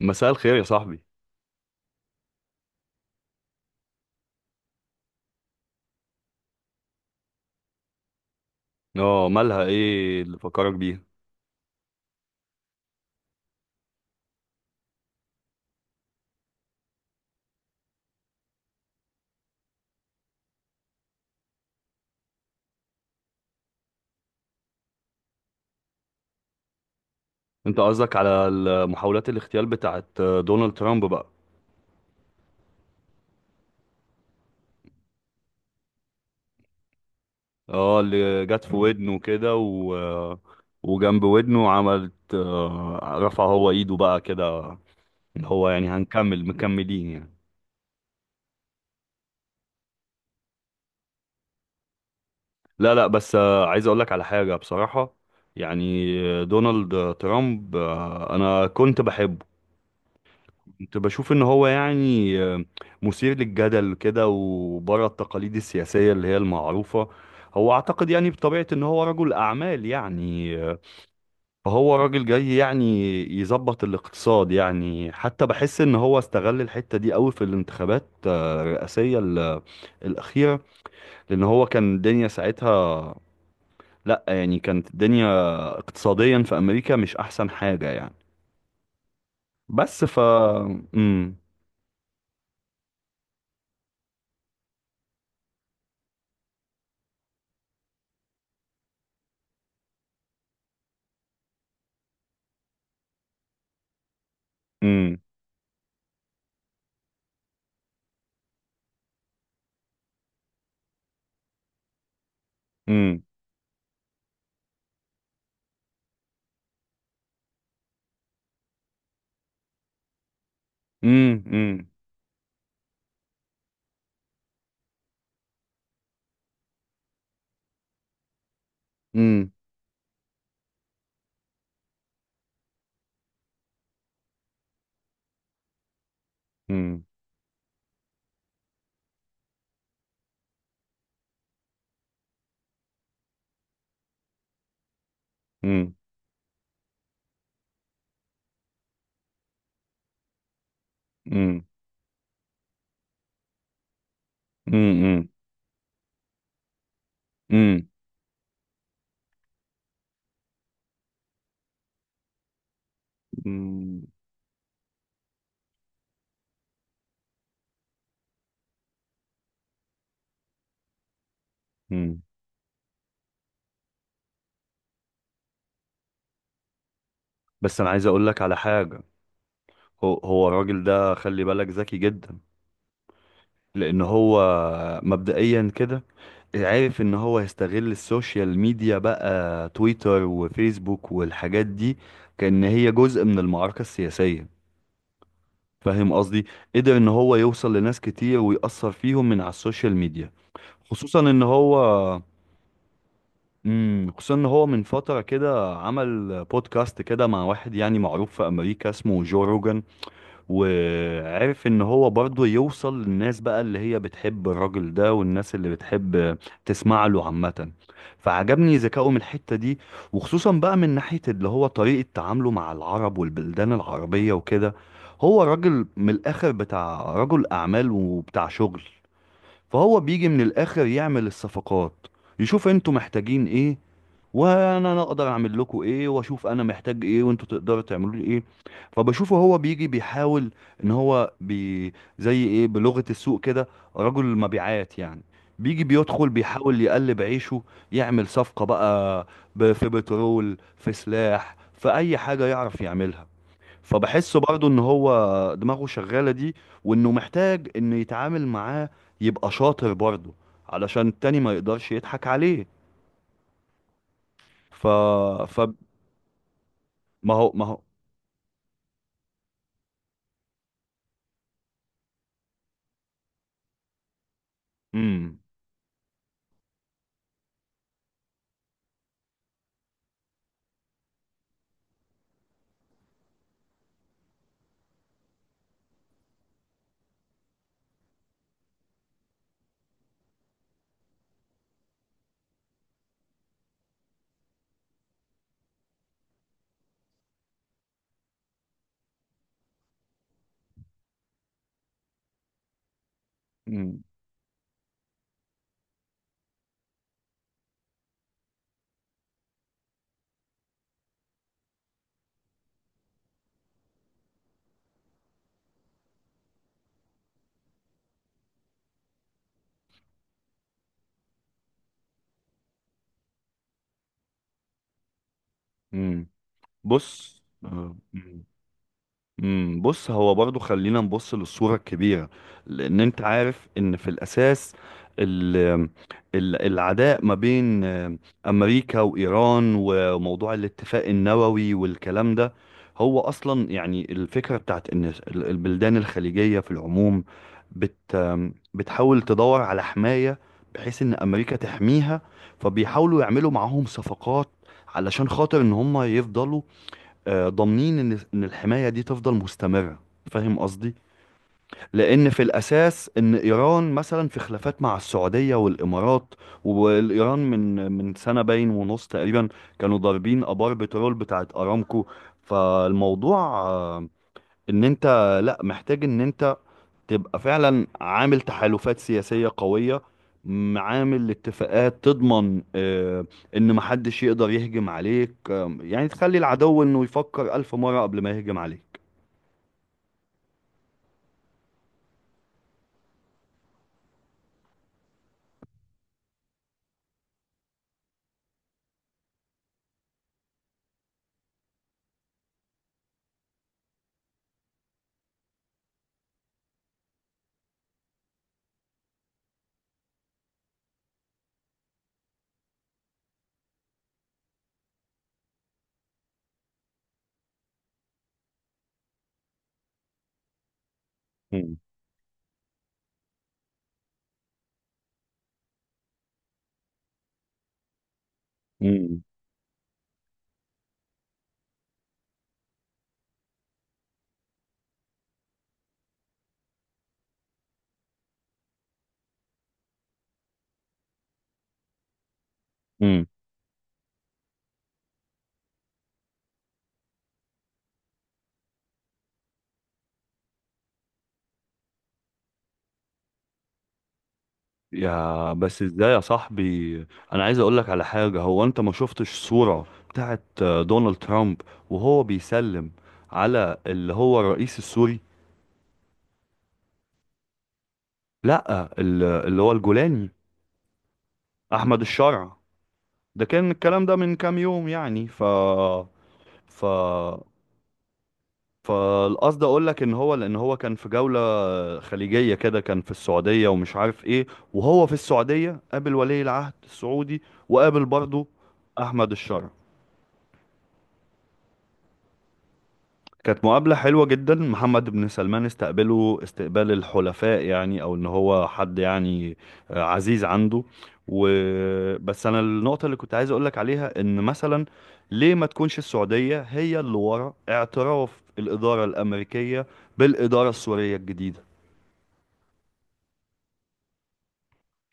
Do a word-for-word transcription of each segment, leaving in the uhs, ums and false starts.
مساء الخير يا صاحبي. اه، مالها؟ ايه اللي فكرك بيها؟ انت قصدك على محاولات الاغتيال بتاعت دونالد ترامب بقى؟ اه، اللي جت في ودنه كده و... وجنب ودنه عملت، آه، رفع هو ايده بقى كده. اللي هو يعني هنكمل مكملين يعني. لا لا، بس آه، عايز اقولك على حاجة بصراحة. يعني. أه، دونالد ترامب، آه، انا كنت بحبه. كنت بشوف ان هو يعني آه، مثير للجدل كده، وبره التقاليد السياسية اللي هي المعروفة. هو اعتقد يعني بطبيعة ان هو رجل اعمال، يعني آه، فهو راجل جاي يعني يظبط الاقتصاد. يعني حتى بحس ان هو استغل الحتة دي قوي في الانتخابات آه، الرئاسية ال- الأخيرة. لان هو كان الدنيا ساعتها. لا يعني كانت الدنيا اقتصاديا في امريكا مش احسن حاجة يعني. بس ف امم امم امم امم امم امم امم امم امم امم امم بس انا عايز اقول لك على حاجه. هو هو الراجل ده، خلي بالك ذكي جدا. لان هو مبدئيا كده عارف ان هو هيستغل السوشيال ميديا بقى، تويتر وفيسبوك والحاجات دي، كأن هي جزء من المعركه السياسيه. فاهم قصدي؟ قدر ان هو يوصل لناس كتير ويأثر فيهم من على السوشيال ميديا. خصوصا ان هو امم خصوصا ان هو من فتره كده عمل بودكاست كده مع واحد يعني معروف في امريكا اسمه جو روجان. وعرف ان هو برضه يوصل للناس بقى، اللي هي بتحب الراجل ده والناس اللي بتحب تسمع له عامه. فعجبني ذكائه من الحته دي، وخصوصا بقى من ناحيه اللي هو طريقه تعامله مع العرب والبلدان العربيه وكده. هو راجل من الاخر، بتاع رجل اعمال وبتاع شغل، فهو بيجي من الاخر يعمل الصفقات. يشوف انتوا محتاجين ايه، وانا أنا اقدر اعمل لكم ايه، واشوف انا محتاج ايه وانتوا تقدروا تعملوا لي ايه. فبشوفه هو بيجي بيحاول ان هو بي زي ايه، بلغة السوق كده، رجل المبيعات يعني. بيجي بيدخل بيحاول يقلب عيشه، يعمل صفقة بقى، ب- في بترول، في سلاح، في اي حاجة يعرف يعملها. فبحسه برضه ان هو دماغه شغالة دي، وانه محتاج انه يتعامل معاه، يبقى شاطر برضه علشان التاني ما يقدرش يضحك عليه. ف ف ما هو ما هو امم امم أمم. بص، آه، أمم. امم بص، هو برضو خلينا نبص للصورة الكبيرة، لأن أنت عارف إن في الأساس ال ال العداء ما بين آه، أمريكا وإيران، وموضوع الاتفاق النووي والكلام ده. هو أصلا يعني الفكرة بتاعت إن ال- البلدان الخليجية في العموم بت آم، بتحاول تدور على حماية، بحيث إن أمريكا تحميها. فبيحاولوا يعملوا معاهم صفقات، علشان خاطر إن هم يفضلوا آه، ضامنين ان ان الحمايه دي تفضل مستمره. فاهم قصدي؟ لان في الاساس ان ايران مثلا في خلافات مع السعوديه والامارات، والايران من من سنه باين ونص تقريبا كانوا ضاربين ابار بترول بتاعت ارامكو. فالموضوع آه، ان انت، لا، محتاج ان انت تبقى فعلا عامل تحالفات سياسية قوية، م- عامل اتفاقات تضمن آه، ان محدش يقدر يهجم عليك، آم، يعني تخلي العدو انه يفكر الف مرة قبل ما يهجم عليك. مم. مم. مم. يا بس ازاي يا صاحبي؟ انا عايز اقولك على حاجة. هو انت ما شفتش صورة بتاعت آه، دونالد ترامب وهو بيسلم على اللي هو الرئيس السوري؟ لا، ال- اللي هو الجولاني، احمد الشرع. ده كان الكلام ده من كام يوم يعني، ف ف فالقصد اقول لك ان هو، لان هو كان في جولة خليجية كده، كان في السعودية ومش عارف ايه. وهو في السعودية قابل ولي العهد السعودي، وقابل برضه احمد الشرع. كانت مقابلة حلوة جدا، محمد بن سلمان استقبله استقبال الحلفاء، يعني او ان هو حد يعني آه، عزيز عنده. و بس انا النقطة اللي كنت عايز اقولك عليها، ان مثلا ليه ما تكونش السعودية هي اللي ورا اعتراف الإدارة الأمريكية بالإدارة السورية الجديدة؟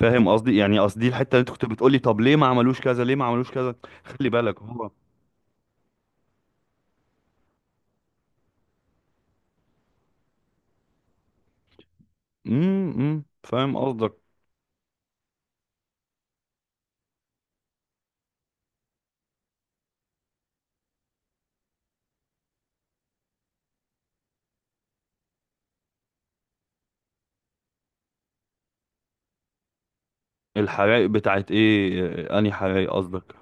فاهم قصدي؟ يعني قصدي الحتة اللي انت كنت بتقولي، طب ليه ما عملوش كذا؟ ليه ما عملوش كذا؟ خلي بالك هو. امم فاهم قصدك. الحرائق بتاعت ايه؟ آه، انهي حرائق قصدك؟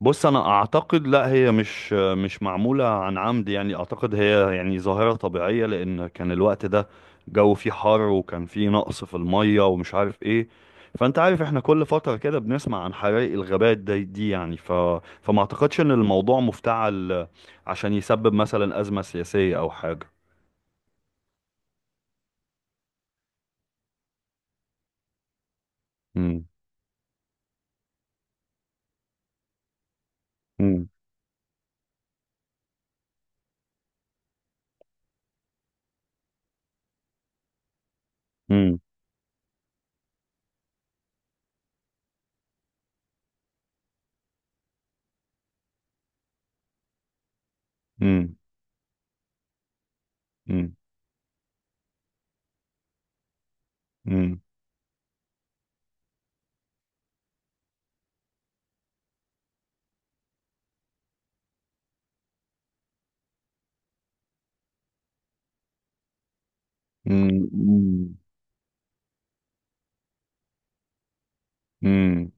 بص انا اعتقد لا، هي مش مش معموله عن عمد. يعني اعتقد هي يعني ظاهره طبيعيه، لان كان الوقت ده جو فيه حر، وكان فيه نقص في الميه ومش عارف ايه. فانت عارف احنا كل فتره كده بنسمع عن حرائق الغابات دي, دي يعني ف فما اعتقدش ان الموضوع مفتعل عشان يسبب مثلا ازمه سياسيه او حاجه. مم. مم. مم. مم. مم. مم. مم. مم.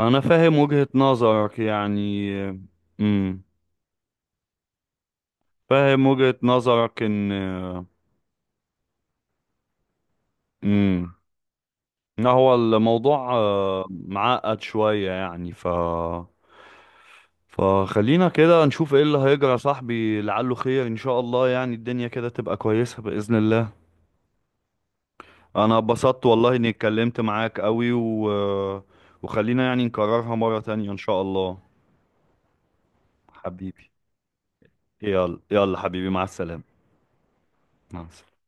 انا فاهم وجهه نظرك يعني. مم. فاهم وجهة نظرك. ان امم إن هو الموضوع آه، معقد شوية يعني، ف فخلينا كده نشوف ايه اللي هيجرى يا صاحبي. لعله خير ان شاء الله. يعني الدنيا كده تبقى كويسة بإذن الله. انا اتبسطت والله اني اتكلمت معاك قوي و... وخلينا يعني نكررها مرة تانية ان شاء الله. حبيبي. يلا يلا حبيبي، مع السلامة. مع السلامة.